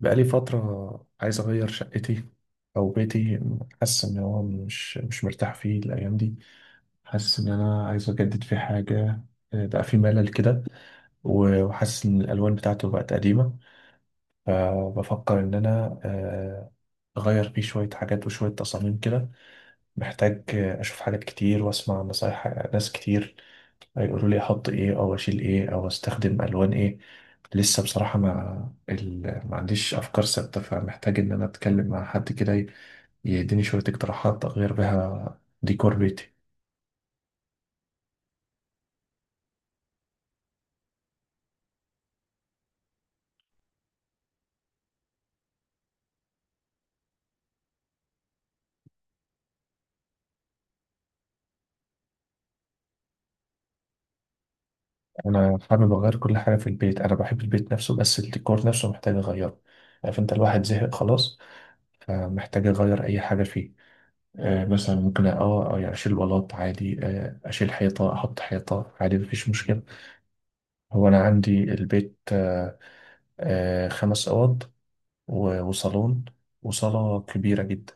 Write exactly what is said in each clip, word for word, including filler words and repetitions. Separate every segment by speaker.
Speaker 1: بقالي فترة عايز أغير شقتي أو بيتي. حاسس إن هو مش مش مرتاح فيه الأيام دي. حاسس إن أنا عايز أجدد فيه حاجة، آه، بقى فيه ملل كده. و- وحاسس إن الألوان بتاعته بقت قديمة. فبفكر إن أنا آه، أغير فيه شوية حاجات وشوية تصاميم كده. محتاج أشوف حاجات كتير وأسمع نصايح ناس كتير هيقولوا لي أحط إيه أو أشيل إيه أو أستخدم ألوان إيه. لسه بصراحة ما ال... ما عنديش أفكار ثابتة، فمحتاج إن أنا أتكلم مع حد كده ي- يديني شوية اقتراحات أغير بيها ديكور بيتي. أنا حابب أغير كل حاجة في البيت. أنا بحب البيت نفسه بس الديكور نفسه محتاج أغيره. عارف أنت الواحد زهق خلاص، فمحتاج أغير أي حاجة فيه. آه، مثلا ممكن اه آه، يعني اشيل بلاط عادي، آه، اشيل حيطه احط حيطه عادي مفيش مشكله. هو انا عندي البيت آه، آه، خمس اوض و- وصالون وصاله كبيره جدا.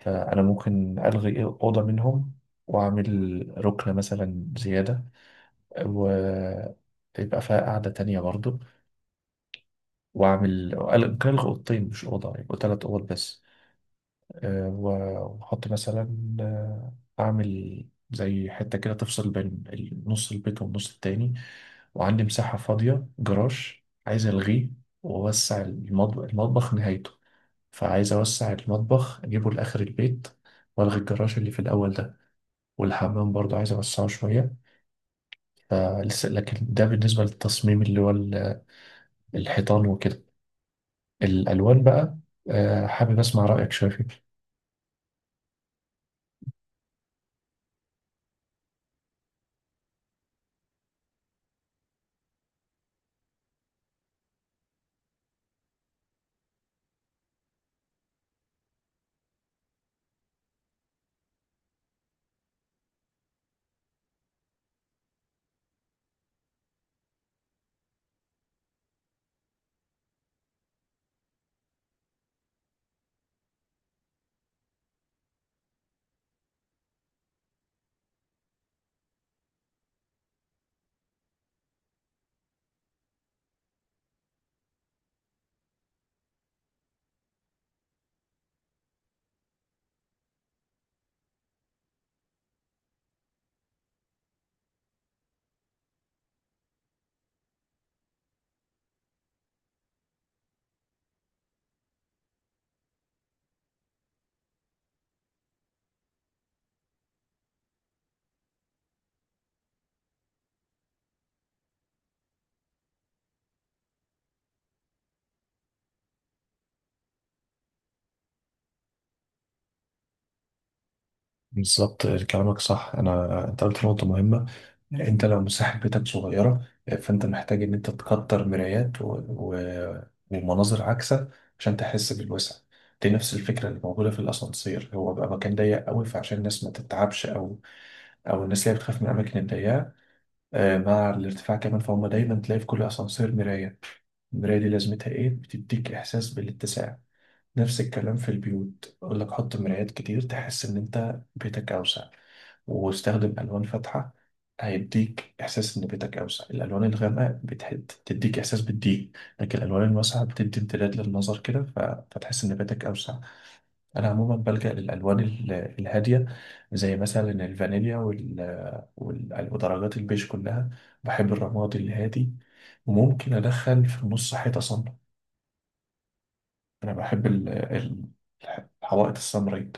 Speaker 1: فانا ممكن الغي اوضه منهم واعمل ركنه مثلا زياده ويبقى فيها قاعده تانية برضو. واعمل ألغي- ممكن الغي اوضتين مش اوضه يبقوا ثلاث اوض بس. آه، و- واحط مثلا آه، اعمل زي حته كده تفصل بين ال- نص البيت والنص التاني. وعندي مساحه فاضيه جراج عايز الغيه واوسع المطبخ المطبخ نهايته. فعايز اوسع المطبخ اجيبه لاخر البيت والغي الجراج اللي في الاول ده. والحمام برضه عايز اوسعه شويه. فلسه لكن ده بالنسبه للتصميم اللي هو ال- الحيطان وكده. الالوان بقى، آه، حابب اسمع رايك شويه فيه. بالظبط كلامك صح، انا انت قلت نقطه مهمه. انت لو مساحة بيتك صغيرة، فانت محتاج ان انت تكتر مرايات و... و... ومناظر عكسة عشان تحس بالوسع. دي نفس الفكرة اللي موجودة في الأسانسير، هو بقى مكان ضيق قوي فعشان الناس ما تتعبش أو أو الناس اللي هي بتخاف من الأماكن الضيقة آه، مع الارتفاع كمان، فهم دايما تلاقي في كل أسانسير مراية. المراية دي لازمتها إيه؟ بتديك إحساس بالاتساع. نفس الكلام في البيوت، أقول لك حط مرايات كتير تحس إن أنت بيتك أوسع، واستخدم ألوان فاتحة هيديك إحساس إن بيتك أوسع. الألوان الغامقة بتحد تديك إحساس بالضيق، لكن الألوان الواسعة بتدي امتداد للنظر كده، ف... فتحس إن بيتك أوسع. أنا عموما بلجأ للألوان ال- الهادية، زي مثلا الفانيليا وال... وال... ودرجات البيج كلها. بحب الرمادي الهادي، وممكن أدخل في النص حيطة صنبا. أنا بحب ال... ال- الحوائط السمراء.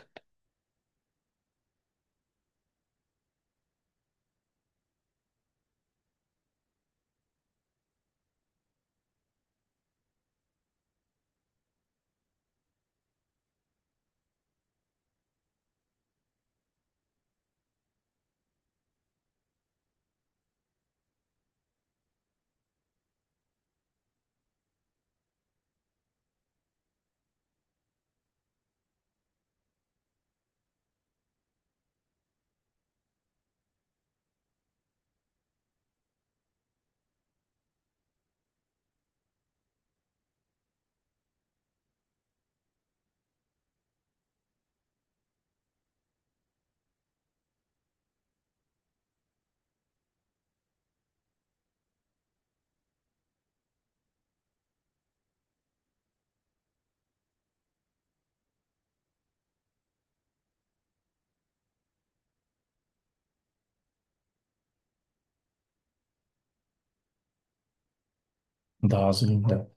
Speaker 1: ده عظيم ده.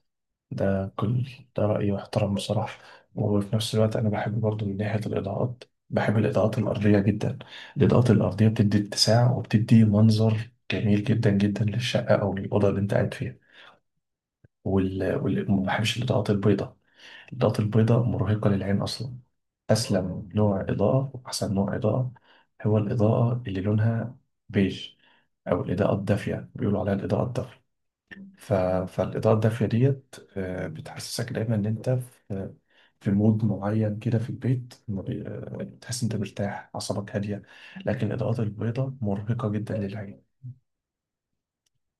Speaker 1: ده كل ده رأيي واحترم بصراحة. وفي نفس الوقت أنا بحب برضو من ناحية الإضاءات. بحب الإضاءات الأرضية جدا. الإضاءات الأرضية بتدي اتساع وبتدي منظر جميل جدا جدا للشقة أو للأوضة اللي أنت قاعد فيها. وال... وال... ما بحبش الإضاءات البيضاء. الإضاءات البيضاء مرهقة للعين أصلا. أسلم نوع إضاءة وأحسن نوع إضاءة هو الإضاءة اللي لونها بيج، أو الإضاءة الدافية، بيقولوا عليها الإضاءة الدافية. ف... فالإضاءة الداخلية ديت آه، بتحسسك دايما إن أنت في في مود معين كده في البيت. ما بي- آه، بتحس أنت مرتاح أعصابك هادية. لكن الإضاءات البيضاء مرهقة جدا للعين.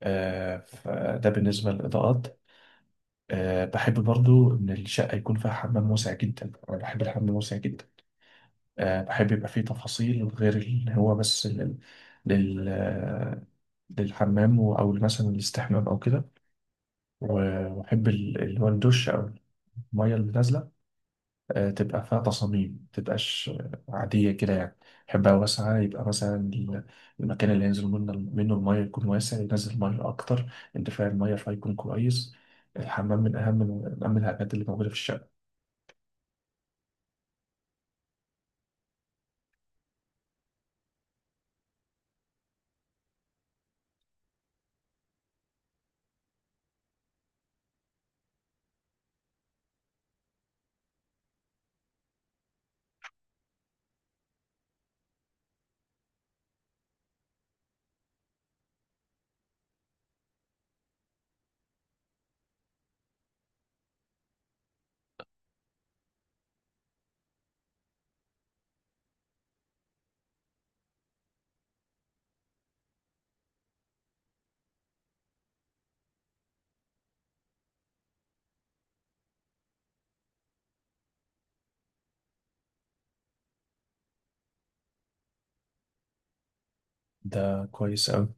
Speaker 1: آه، فده بالنسبة للإضاءات. آه، بحب برضو إن الشقة يكون فيها حمام واسع جدا. أنا بحب الحمام واسع جدا. آه، بحب يبقى فيه تفاصيل غير اللي هو بس لل... لل... آه، للحمام و- أو مثلا الاستحمام أو كده. وأحب ال- اللي هو الدش أو المية اللي نازلة آه، تبقى فيها تصاميم ما تبقاش آه، عادية كده يعني. يحبها واسعة، يبقى مثلا ال- المكان اللي ينزل منه منه المية يكون واسع ينزل مية أكتر، انتفاع المية فيكون كويس. الحمام من أهم من أهم الحاجات اللي موجودة في الشقة. ده كويس أوي.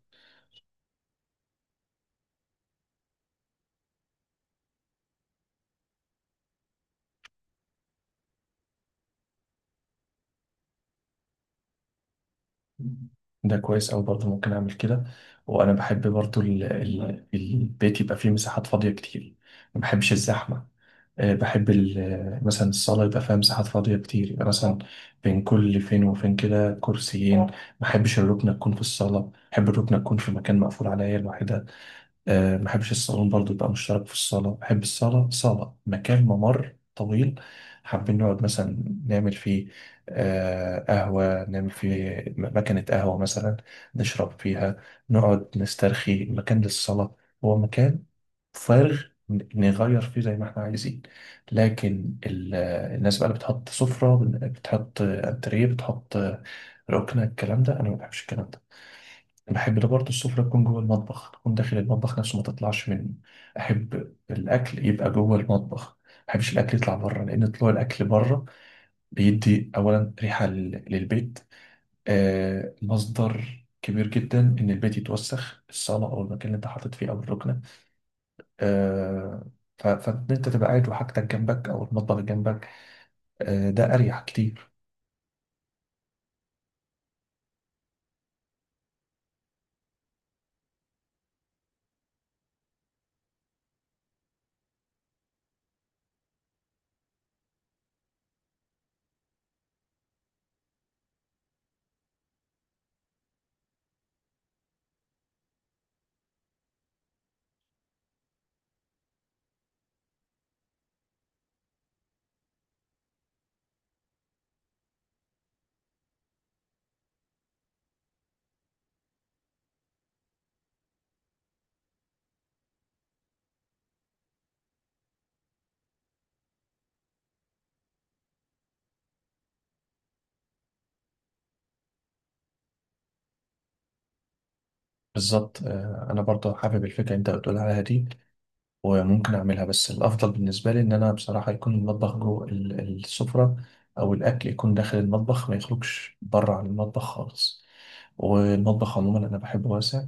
Speaker 1: ده كويس أوي، برضه ممكن أعمل كده. وأنا بحب برضه ال- ال- البيت يبقى فيه مساحات فاضية كتير. ما بحبش الزحمة. آه، بحب ال- مثلا الصالة يبقى فيها مساحات فاضية كتير، يبقى مثلا بين كل فين وفين كده كرسيين. ما بحبش الركنة تكون في الصالة، بحب الركنة تكون في مكان مقفول عليا لوحدها. آه، ما بحبش الصالون برضو يبقى مشترك في الصالة، بحب الصالة صالة مكان ممر طويل. حابين نقعد مثلا نعمل فيه آه، قهوة، نعمل فيه م- مكنة قهوة مثلا نشرب فيها، نقعد نسترخي، مكان للصلاة، هو مكان فارغ ن- نغير فيه زي ما احنا عايزين. لكن ال- الناس بقى اللي بتحط سفرة بتحط انتريه بتحط ركنة، الكلام ده انا ما بحبش الكلام ده. انا بحب ده برضه السفرة تكون جوه المطبخ، تكون داخل المطبخ نفسه ما تطلعش منه. احب الاكل يبقى جوه المطبخ، ما بحبش الاكل يطلع بره، لان طلوع الاكل بره بيدي اولا ريحة لل- للبيت. آه مصدر كبير جدا ان البيت يتوسخ، الصالة او المكان اللي انت حاطط فيه او الركنة. آه، ف- فإن أنت تبقى قاعد وحاجتك جنبك أو المطبخ جنبك آه، ده أريح كتير. بالظبط. آه، أنا برضه حابب الفكرة اللي أنت بتقول عليها دي وممكن اعملها، بس الافضل بالنسبه لي ان انا بصراحه يكون المطبخ جوه ال- السفره، او الاكل يكون داخل المطبخ ما يخرجش بره عن المطبخ خالص. والمطبخ عموما انا بحبه واسع،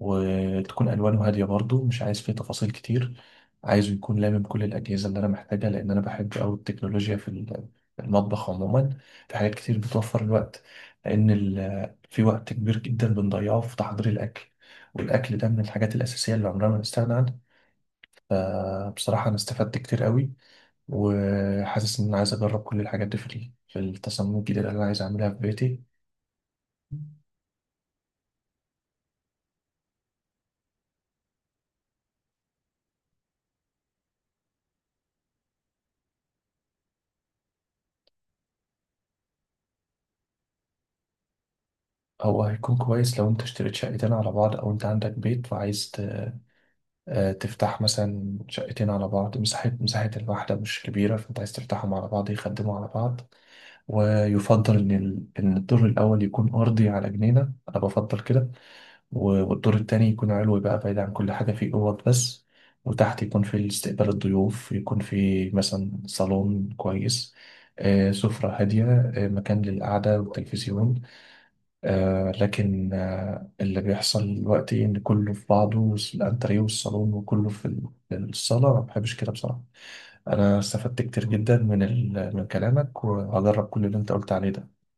Speaker 1: وتكون الوانه هاديه برضو مش عايز فيه تفاصيل كتير. عايزه يكون لامم كل الاجهزه اللي انا محتاجها، لان انا بحب قوي التكنولوجيا في ال- في المطبخ عموما. في حاجات كتير بتوفر الوقت، لان ال- في وقت كبير جدا بنضيعه في تحضير الاكل، والاكل ده من الحاجات الاساسيه اللي عمرنا ما نستغنى عنها. بصراحة أنا استفدت كتير قوي، وحاسس إن أنا عايز أجرب كل الحاجات دي في ال- في التصميم الجديد اللي أنا عايز أعملها في بيتي. هو هيكون كويس لو أنت اشتريت شقتين على بعض، أو أنت عندك بيت وعايز ت- آه، تفتح مثلا شقتين على بعض مساحة مساحة الواحدة مش كبيرة، فأنت عايز تفتحهم على بعض يخدموا على بعض. ويفضل إن ال- إن الدور الأول يكون أرضي على جنينة، أنا بفضل كده. و- والدور التاني يكون علوي بقى بعيد عن كل حاجة فيه أوض بس. وتحت يكون في استقبال الضيوف، يكون في مثلا صالون كويس، آه، سفرة هادية، آه، مكان للقعدة والتلفزيون. آه، لكن آه، اللي بيحصل دلوقتي إن كله في بعضه والس- الأنتريه والصالون وكله في ال- الصالة، ما بحبش كده بصراحة. أنا استفدت كتير جدا من ال- من كلامك وهجرب كل اللي أنت قلت عليه ده.